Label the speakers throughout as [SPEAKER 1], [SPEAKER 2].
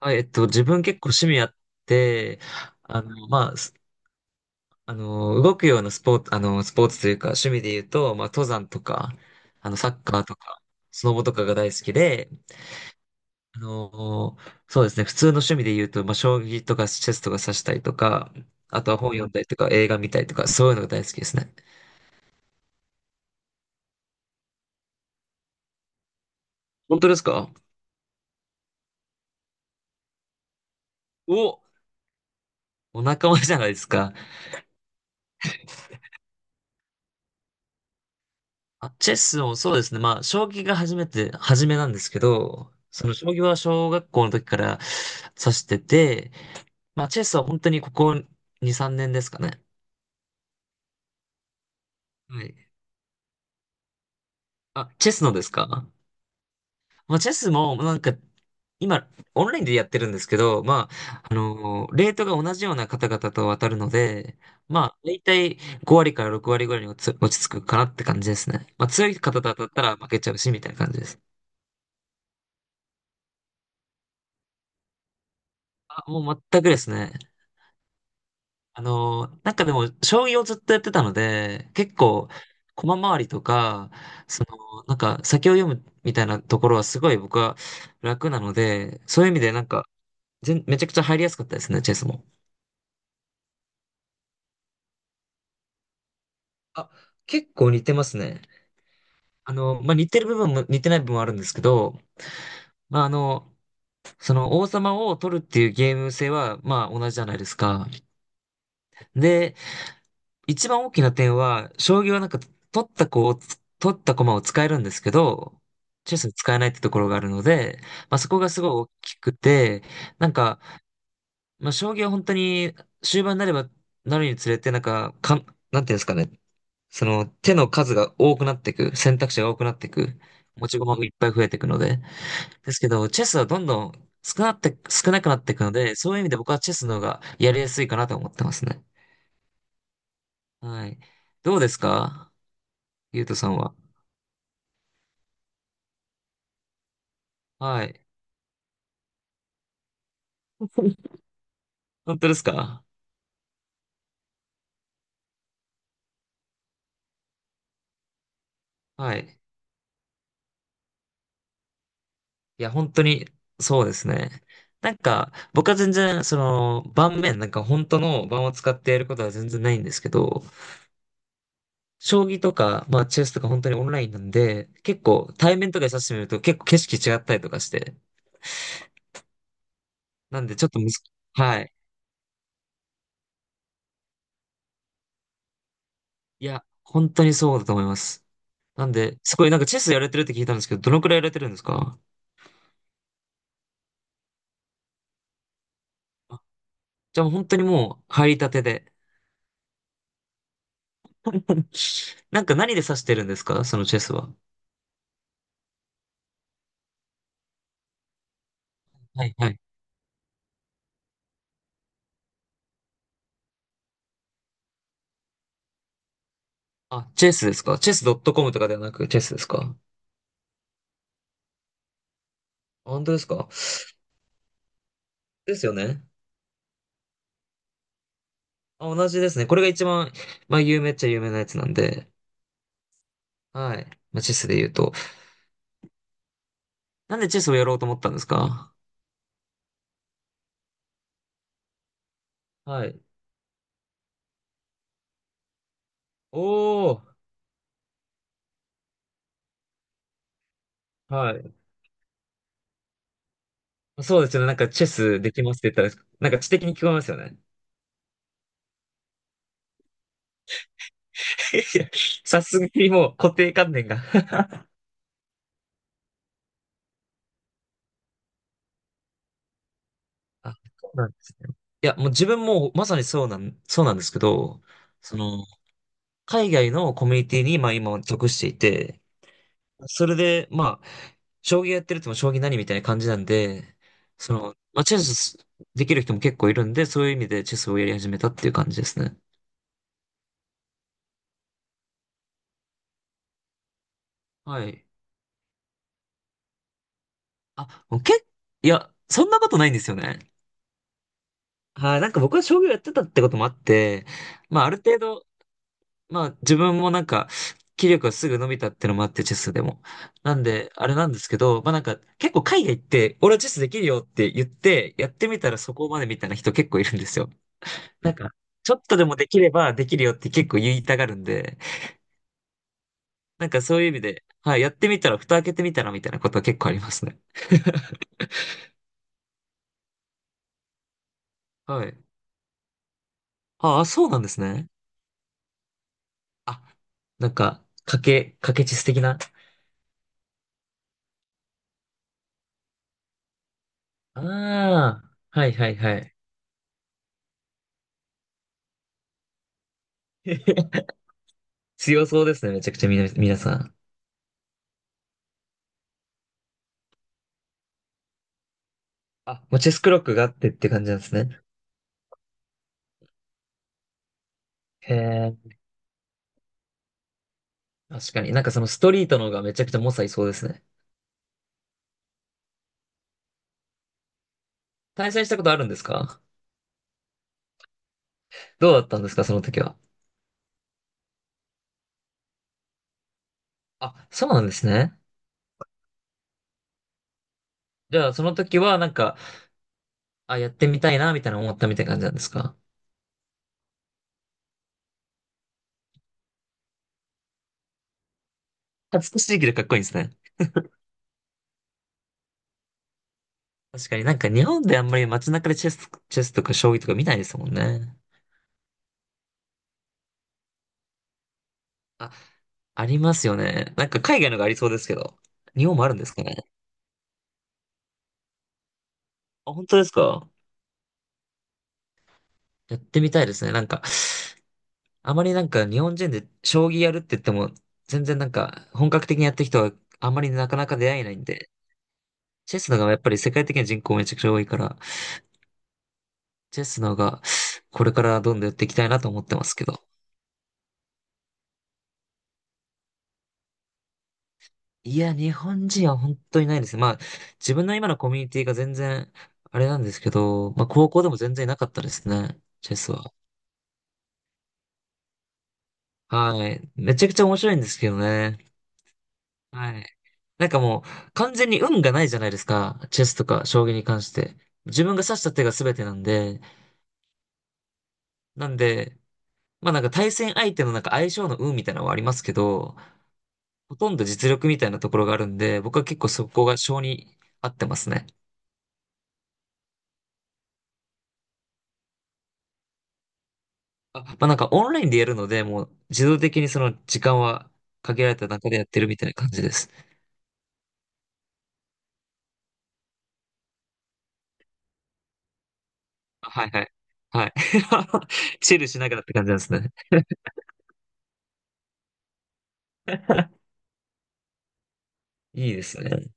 [SPEAKER 1] はい、自分結構趣味あって、まあ、すあの、動くようなスポーツ、スポーツというか、趣味で言うと、まあ、登山とか、サッカーとか、スノボとかが大好きで、あの、そうですね、普通の趣味で言うと、まあ、将棋とかチェスとか指したりとか、あとは本読んだりとか、映画見たりとか、そういうのが大好きですね。本当ですか？お、お仲間じゃないですか。あ、チェスをそうですね。まあ、将棋が初めなんですけど、その将棋は小学校の時から指してて、まあ、チェスは本当にここ2、3年ですかね。はい。あ、チェスのですか？まあ、チェスもなんか、今、オンラインでやってるんですけど、まあ、レートが同じような方々と渡るので、まあ、だいたい5割から6割ぐらいに落ち着くかなって感じですね。まあ、強い方と当たったら負けちゃうし、みたいな感じです。あ、もう全くですね。なんかでも、将棋をずっとやってたので、結構、駒回りとか、その、なんか、先を読むみたいなところはすごい僕は楽なので、そういう意味でなんか、めちゃくちゃ入りやすかったですね、チェスも。あ、結構似てますね。まあ、似てる部分も似てない部分もあるんですけど、まあ、その王様を取るっていうゲーム性は、まあ、同じじゃないですか。で、一番大きな点は、将棋はなんか、取った駒を使えるんですけど、チェスは使えないってところがあるので、まあそこがすごい大きくて、なんか、まあ将棋は本当に終盤になればなるにつれて、なんか、なんていうんですかね、その手の数が多くなっていく、選択肢が多くなっていく、持ち駒もいっぱい増えていくので、ですけど、チェスはどんどん少なくなっていくので、そういう意味で僕はチェスの方がやりやすいかなと思ってますね。はい。どうですか、ゆうとさんは？はい。本当ですか？はい。いや、本当に、そうですね。なんか、僕は全然、その、盤面、なんか本当の盤を使ってやることは全然ないんですけど、将棋とか、まあ、チェスとか本当にオンラインなんで、結構、対面とかで指してみると結構景色違ったりとかして、なんでちょっとむず、はい。いや、本当にそうだと思います。なんで、すごい、なんかチェスやれてるって聞いたんですけど、どのくらいやれてるんですか？じゃあ本当にもう、入りたてで。なんか何で指してるんですか、そのチェスは？はいはい。あ、チェスですか？チェスドットコムとかではなくチェスですか？あ本当ですか？ですよね。あ、同じですね。これが一番、まあ、有名っちゃ有名なやつなんで。はい。まあ、チェスで言うと。なんでチェスをやろうと思ったんですか？はい。おー。はい。そうですよね。なんかチェスできますって言ったら、なんか知的に聞こえますよね。いや、さすがにもう固定観念が。 あ、そうなんですね。いや、もう自分もまさにそうなんですけど、その、海外のコミュニティに、まあ今属していて、それで、まあ、将棋やってるとも将棋何みたいな感じなんで、その、まあチェスできる人も結構いるんで、そういう意味でチェスをやり始めたっていう感じですね。はい。あ、もうけっ、いや、そんなことないんですよね。はい、なんか僕は将棋をやってたってこともあって、まあある程度、まあ自分もなんか、気力がすぐ伸びたってのもあって、チェスでも。なんで、あれなんですけど、まあなんか、結構海外行って、俺はチェスできるよって言って、やってみたらそこまでみたいな人結構いるんですよ。なんか、ちょっとでもできればできるよって結構言いたがるんで、なんかそういう意味で、はい、やってみたら、蓋開けてみたらみたいなことは結構ありますね。はい。ああ、そうなんですね。あ、なんか、賭けチェス的な。ああ、はいはいはい。強そうですね、めちゃくちゃ皆さん。あ、もうチェスクロックがあってって感じなんですね。へえ、確かに。なんかそのストリートの方がめちゃくちゃ猛者いそうですね。対戦したことあるんですか？どうだったんですか、その時は？あ、そうなんですね。じゃあその時はなんか、あ、やってみたいな、みたいな思ったみたいな感じなんですか？恥ずかしいけどかっこいいですね。確かになんか日本であんまり街中でチェスとか将棋とか見ないですもんね。あ、ありますよね。なんか海外のがありそうですけど。日本もあるんですかね？あ、本当ですか？やってみたいですね。なんか、あまりなんか日本人で将棋やるって言っても、全然なんか本格的にやってる人はあんまりなかなか出会えないんで、チェスの方がやっぱり世界的な人口めちゃくちゃ多いから、チェスの方がこれからどんどんやっていきたいなと思ってますけど。いや、日本人は本当にないですね。まあ、自分の今のコミュニティが全然あれなんですけど、まあ高校でも全然いなかったですね、チェスは。はい。めちゃくちゃ面白いんですけどね。はい。なんかもう、完全に運がないじゃないですか。チェスとか将棋に関して。自分が指した手が全てなんで、まあなんか対戦相手のなんか相性の運みたいなのはありますけど、ほとんど実力みたいなところがあるんで、僕は結構そこが性に合ってますね。あ、まあなんかオンラインでやるので、もう自動的にその時間は限られた中でやってるみたいな感じです。あはいはい。はい。チルしながらって感じなんですね。いいですね。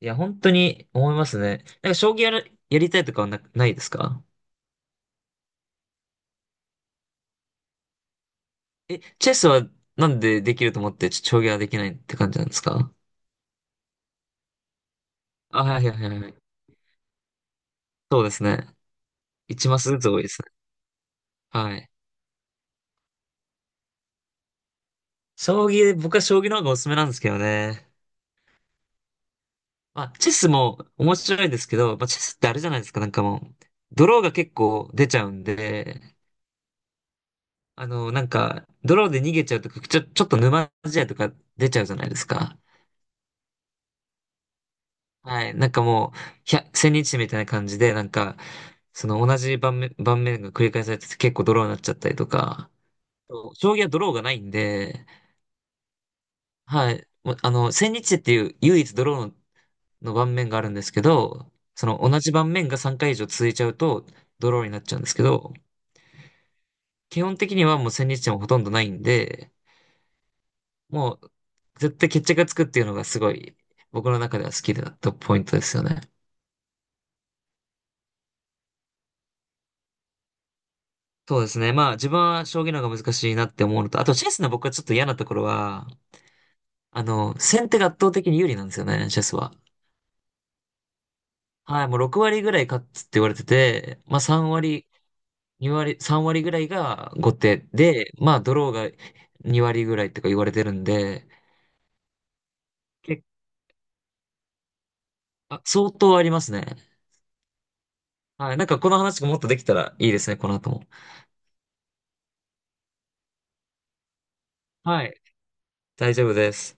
[SPEAKER 1] いや、本当に思いますね。なんか、将棋やりたいとかはないですか？え、チェスはなんでできると思って、将棋はできないって感じなんですか。あ、はいはいはいはい。そうですね。一マスずつ多いですね。はい。将棋、僕は将棋の方がおすすめなんですけどね。まあ、チェスも面白いですけど、まあ、チェスってあれじゃないですか、なんかもう、ドローが結構出ちゃうんで、なんか、ドローで逃げちゃうとか、ちょっと沼地やとか出ちゃうじゃないですか。はい。なんかもう、千日みたいな感じで、なんか、その同じ盤面が繰り返されてて結構ドローになっちゃったりとか、そう将棋はドローがないんで、はい。もう千日っていう唯一ドローの盤面があるんですけど、その同じ盤面が3回以上続いちゃうとドローになっちゃうんですけど、基本的にはもう千日もほとんどないんで、もう絶対決着がつくっていうのがすごい僕の中では好きだったポイントですよね。そうですね。まあ、自分は将棋の方が難しいなって思うのと、あとチェスの僕はちょっと嫌なところは、先手が圧倒的に有利なんですよね、チェスは。はい、もう6割ぐらい勝つって言われてて、まあ3割、2割、3割ぐらいが後手で、まあドローが2割ぐらいとか言われてるんで、結あ、相当ありますね。はい、なんかこの話がもっとできたらいいですね、この後も。はい、大丈夫です。